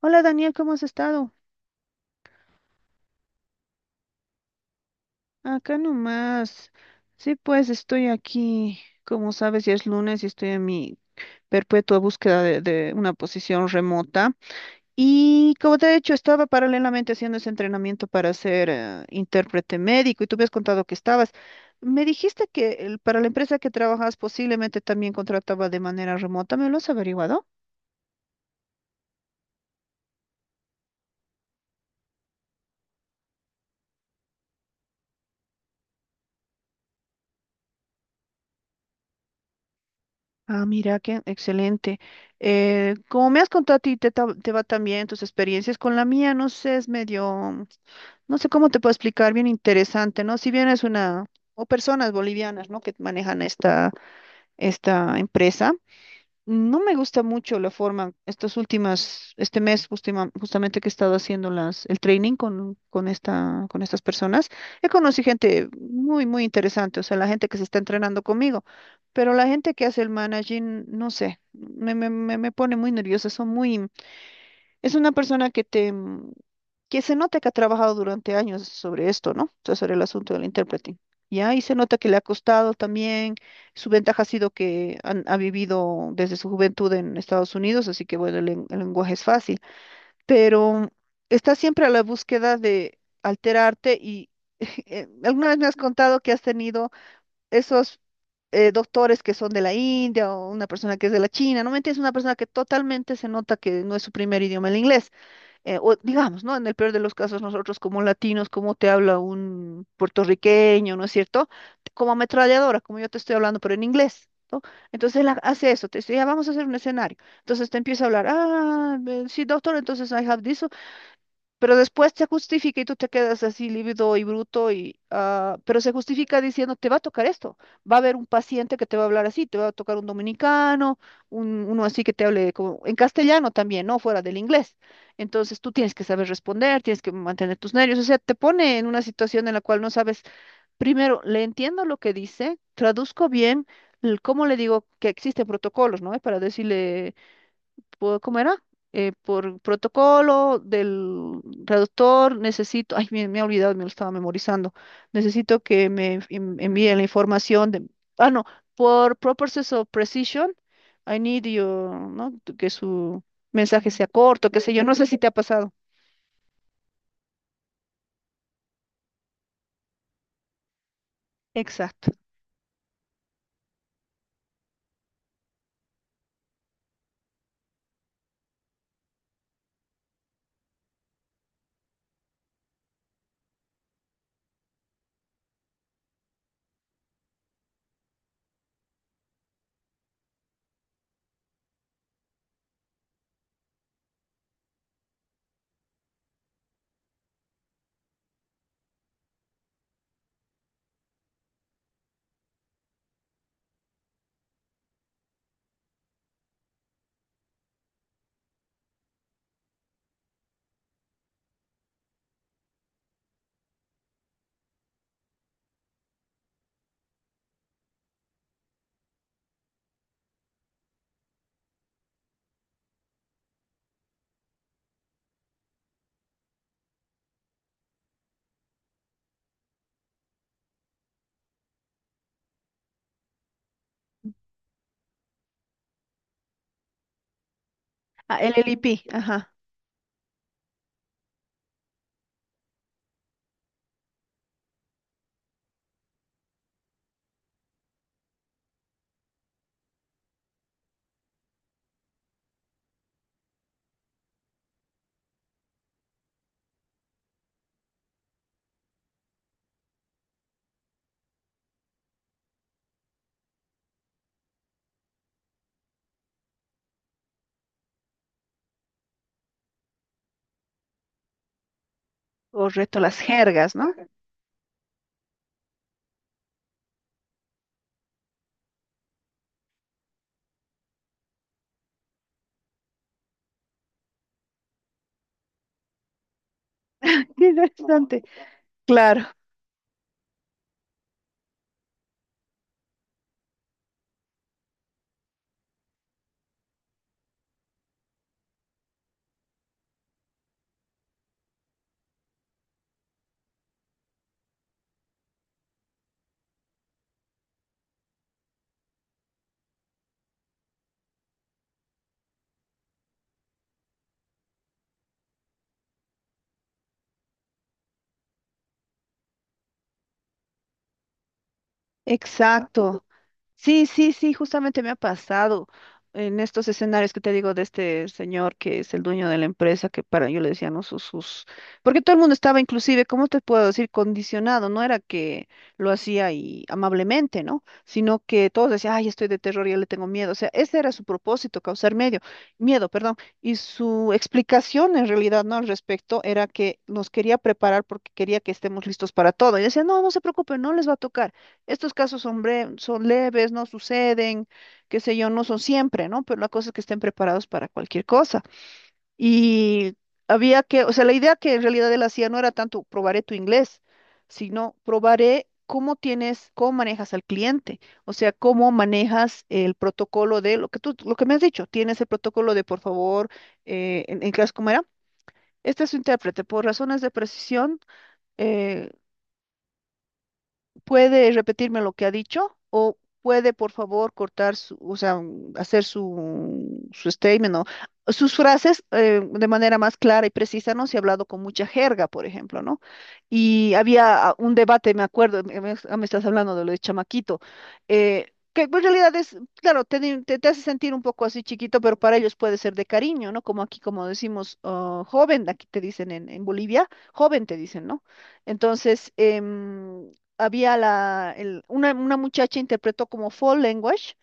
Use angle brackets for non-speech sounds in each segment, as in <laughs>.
Hola Daniel, ¿cómo has estado? Acá nomás. Sí, pues estoy aquí, como sabes, ya es lunes y estoy en mi perpetua búsqueda de una posición remota. Y como te he dicho, estaba paralelamente haciendo ese entrenamiento para ser intérprete médico y tú me has contado que estabas. Me dijiste que para la empresa que trabajas posiblemente también contrataba de manera remota. ¿Me lo has averiguado? Ah, mira, qué excelente. Como me has contado a ti, te va también tus experiencias con la mía, no sé, es medio, no sé cómo te puedo explicar, bien interesante, ¿no? Si bien es una, o personas bolivianas, ¿no? Que manejan esta empresa. No me gusta mucho la forma, estas últimas, este mes justamente que he estado haciendo el training con estas personas, he conocido gente muy, muy interesante, o sea, la gente que se está entrenando conmigo, pero la gente que hace el managing, no sé, me pone muy nerviosa, son muy, es una persona que se nota que ha trabajado durante años sobre esto, ¿no? O sea, sobre el asunto del interpreting. Ya, y se nota que le ha costado también. Su ventaja ha sido que ha vivido desde su juventud en Estados Unidos, así que bueno, el lenguaje es fácil. Pero está siempre a la búsqueda de alterarte y <laughs> alguna vez me has contado que has tenido esos doctores que son de la India o una persona que es de la China, ¿no me entiendes? Una persona que totalmente se nota que no es su primer idioma el inglés, o digamos, ¿no? En el peor de los casos, nosotros como latinos, como te habla un puertorriqueño, ¿no es cierto? Como ametralladora, como yo te estoy hablando, pero en inglés, ¿no? Entonces él hace eso, te dice, ya vamos a hacer un escenario. Entonces te empieza a hablar, ah, sí, doctor, entonces I have this. Pero después se justifica y tú te quedas así lívido y bruto y ah, pero se justifica diciendo, te va a tocar esto, va a haber un paciente que te va a hablar así, te va a tocar un dominicano, uno así que te hable como en castellano también, no fuera del inglés. Entonces tú tienes que saber responder, tienes que mantener tus nervios, o sea, te pone en una situación en la cual no sabes, primero, le entiendo lo que dice, traduzco bien, cómo le digo que existen protocolos, ¿no? Para decirle ¿cómo era? Por protocolo del traductor, necesito, ay, me he olvidado, me lo estaba memorizando, necesito que me envíen la información de, ah, no, por purposes of precision, I need your, ¿no? Que su mensaje sea corto, qué sé yo, no sé si te ha pasado. Exacto. Ah, el LIP, ajá, correcto, las jergas, ¿no? <laughs> Qué interesante. Claro, exacto. Sí, sí, sí, justamente me ha pasado en estos escenarios que te digo de este señor que es el dueño de la empresa, que para yo le decía, no, sus, porque todo el mundo estaba inclusive, ¿cómo te puedo decir? Condicionado, no era que lo hacía y amablemente, ¿no? Sino que todos decían, ay, estoy de terror, ya le tengo miedo. O sea, ese era su propósito, causar medio, miedo, perdón. Y su explicación en realidad, ¿no? Al respecto, era que nos quería preparar porque quería que estemos listos para todo. Y decía, no, no se preocupen, no les va a tocar. Estos casos son leves, no suceden, qué sé yo, no son siempre, ¿no? Pero la cosa es que estén preparados para cualquier cosa. Y había que, o sea, la idea que en realidad él hacía no era tanto probaré tu inglés, sino probaré cómo tienes, cómo manejas al cliente, o sea, cómo manejas el protocolo de lo que tú, lo que me has dicho, tienes el protocolo de por favor, en, clase, ¿cómo era? Este es su intérprete, por razones de precisión, eh, ¿puede repetirme lo que ha dicho? ¿O puede, por favor, cortar o sea, hacer su statement o sus frases, de manera más clara y precisa, ¿no? Si ha hablado con mucha jerga, por ejemplo, ¿no? Y había ah, un debate, me acuerdo, me estás hablando de lo de chamaquito, que en realidad es, claro, te hace sentir un poco así chiquito, pero para ellos puede ser de cariño, ¿no? Como aquí, como decimos, ah, joven, aquí te dicen en Bolivia, joven te dicen, ¿no? Entonces, había una muchacha interpretó como foul language,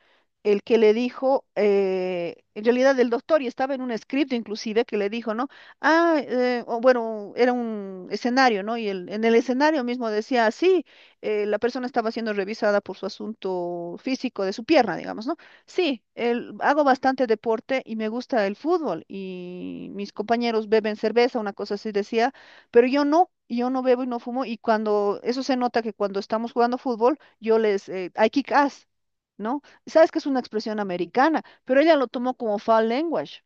el que le dijo, en realidad el doctor, y estaba en un script inclusive, que le dijo, ¿no? Ah, o bueno, era un escenario, ¿no? Y en el escenario mismo decía: "Ah, sí, la persona estaba siendo revisada por su asunto físico de su pierna, digamos, ¿no? Sí, hago bastante deporte y me gusta el fútbol, y mis compañeros beben cerveza, una cosa así decía, pero yo no, y yo no bebo y no fumo y cuando eso se nota que cuando estamos jugando fútbol, yo les, I kick ass, ¿no?" Sabes que es una expresión americana, pero ella lo tomó como foul language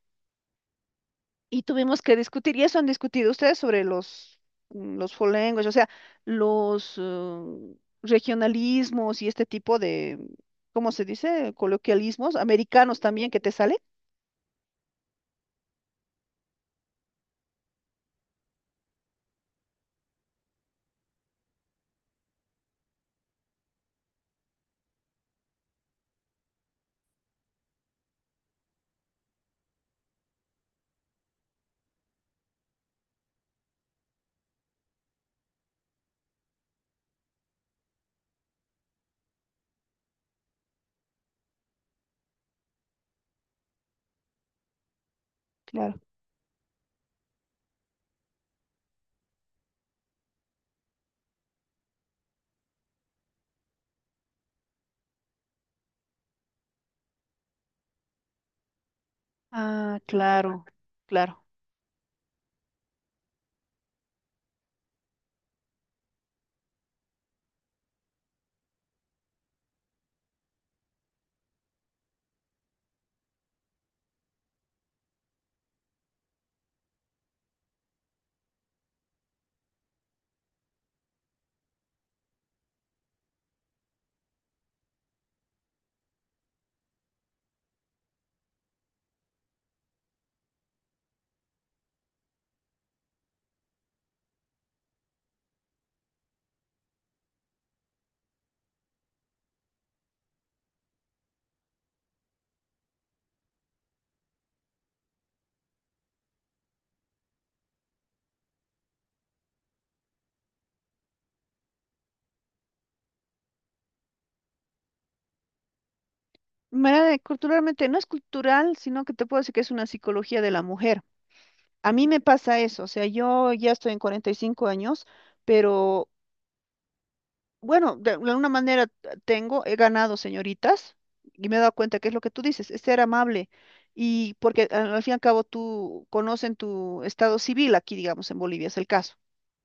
y tuvimos que discutir, y eso han discutido ustedes sobre los foul language, o sea, los regionalismos y este tipo de, ¿cómo se dice? Coloquialismos americanos también que te sale. Claro. Ah, claro, claro. Mira, culturalmente, no es cultural, sino que te puedo decir que es una psicología de la mujer. A mí me pasa eso, o sea, yo ya estoy en 45 años, pero bueno, de alguna manera tengo, he ganado señoritas y me he dado cuenta que es lo que tú dices, es ser amable. Y porque al fin y al cabo tú conocen tu estado civil aquí, digamos, en Bolivia es el caso,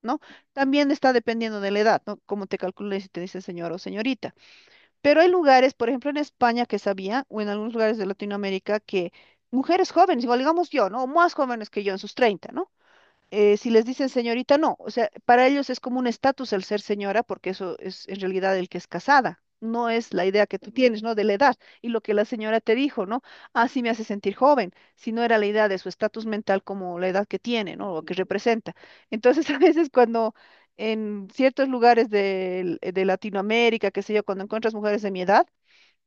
¿no? También está dependiendo de la edad, ¿no? Cómo te calcules si te dicen señor o señorita. Pero hay lugares, por ejemplo en España que sabía, o en algunos lugares de Latinoamérica, que mujeres jóvenes, igual digamos yo, ¿no? O más jóvenes que yo, en sus 30, ¿no? Si les dicen señorita, no, o sea, para ellos es como un estatus el ser señora, porque eso es en realidad el que es casada, no es la idea que tú tienes, ¿no? De la edad y lo que la señora te dijo, ¿no? Ah, sí, me hace sentir joven, si no era la idea de su estatus mental como la edad que tiene, ¿no? O que representa. Entonces, <laughs> a veces cuando en ciertos lugares de, Latinoamérica, qué sé yo, cuando encuentras mujeres de mi edad,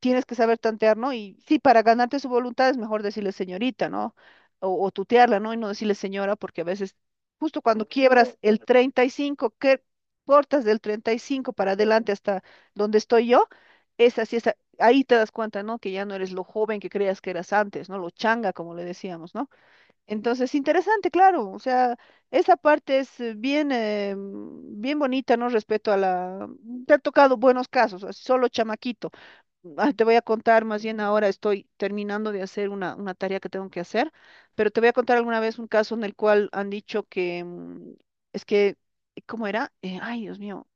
tienes que saber tantear, ¿no? Y sí, para ganarte su voluntad es mejor decirle señorita, ¿no? O tutearla, ¿no? Y no decirle señora, porque a veces, justo cuando quiebras el 35, que cortas del 35 para adelante hasta donde estoy yo, esa sí, esa, ahí te das cuenta, ¿no? Que ya no eres lo joven que creías que eras antes, ¿no? Lo changa, como le decíamos, ¿no? Entonces, interesante, claro, o sea, esa parte es bien bonita, ¿no? Respecto a la... Te ha tocado buenos casos, solo chamaquito. Ah, te voy a contar, más bien ahora estoy terminando de hacer una tarea que tengo que hacer, pero te voy a contar alguna vez un caso en el cual han dicho que es que, ¿cómo era? Ay, Dios mío,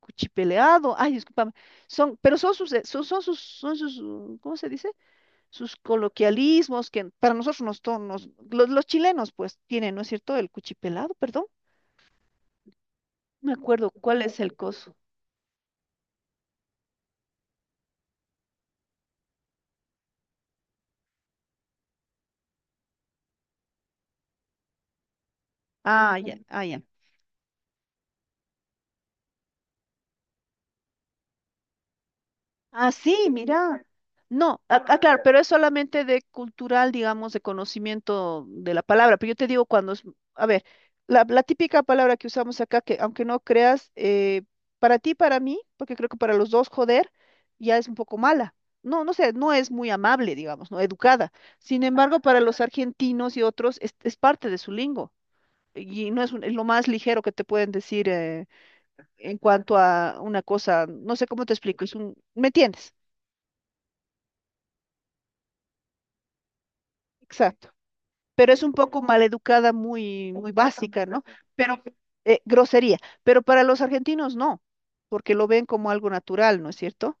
cuchipeleado, ay, discúlpame, pero son sus, son, son sus, ¿Cómo se dice? Sus coloquialismos que para nosotros nos, to- nos- los chilenos pues tienen, ¿no es cierto? El cuchipelado, perdón, no me acuerdo cuál es el coso. Ah, ya, ah, ya. Ah, sí, mira. No, ah, claro, pero es solamente de cultural, digamos, de conocimiento de la palabra. Pero yo te digo cuando es, a ver, la típica palabra que usamos acá, que aunque no creas, para ti, para mí, porque creo que para los dos, joder, ya es un poco mala. No, no sé, no es muy amable, digamos, no educada. Sin embargo, para los argentinos y otros, es parte de su lingo. Y no es, es lo más ligero que te pueden decir, en cuanto a una cosa, no sé cómo te explico, es un, ¿me entiendes? Exacto. Pero es un poco maleducada, muy, muy básica, ¿no? Pero, grosería. Pero para los argentinos no, porque lo ven como algo natural, ¿no es cierto?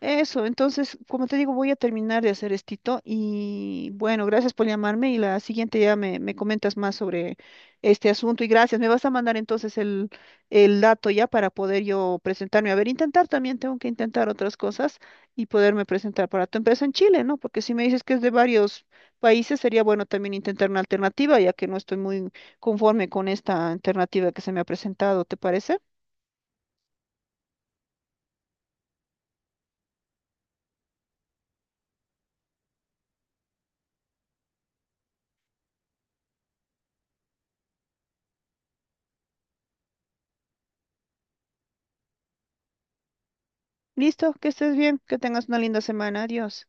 Eso, entonces, como te digo, voy a terminar de hacer estito y bueno, gracias por llamarme y la siguiente ya me comentas más sobre este asunto y gracias. Me vas a mandar entonces el dato ya para poder yo presentarme. A ver, intentar también, tengo que intentar otras cosas y poderme presentar para tu empresa en Chile, ¿no? Porque si me dices que es de varios países, sería bueno también intentar una alternativa, ya que no estoy muy conforme con esta alternativa que se me ha presentado, ¿te parece? Listo, que estés bien, que tengas una linda semana. Adiós.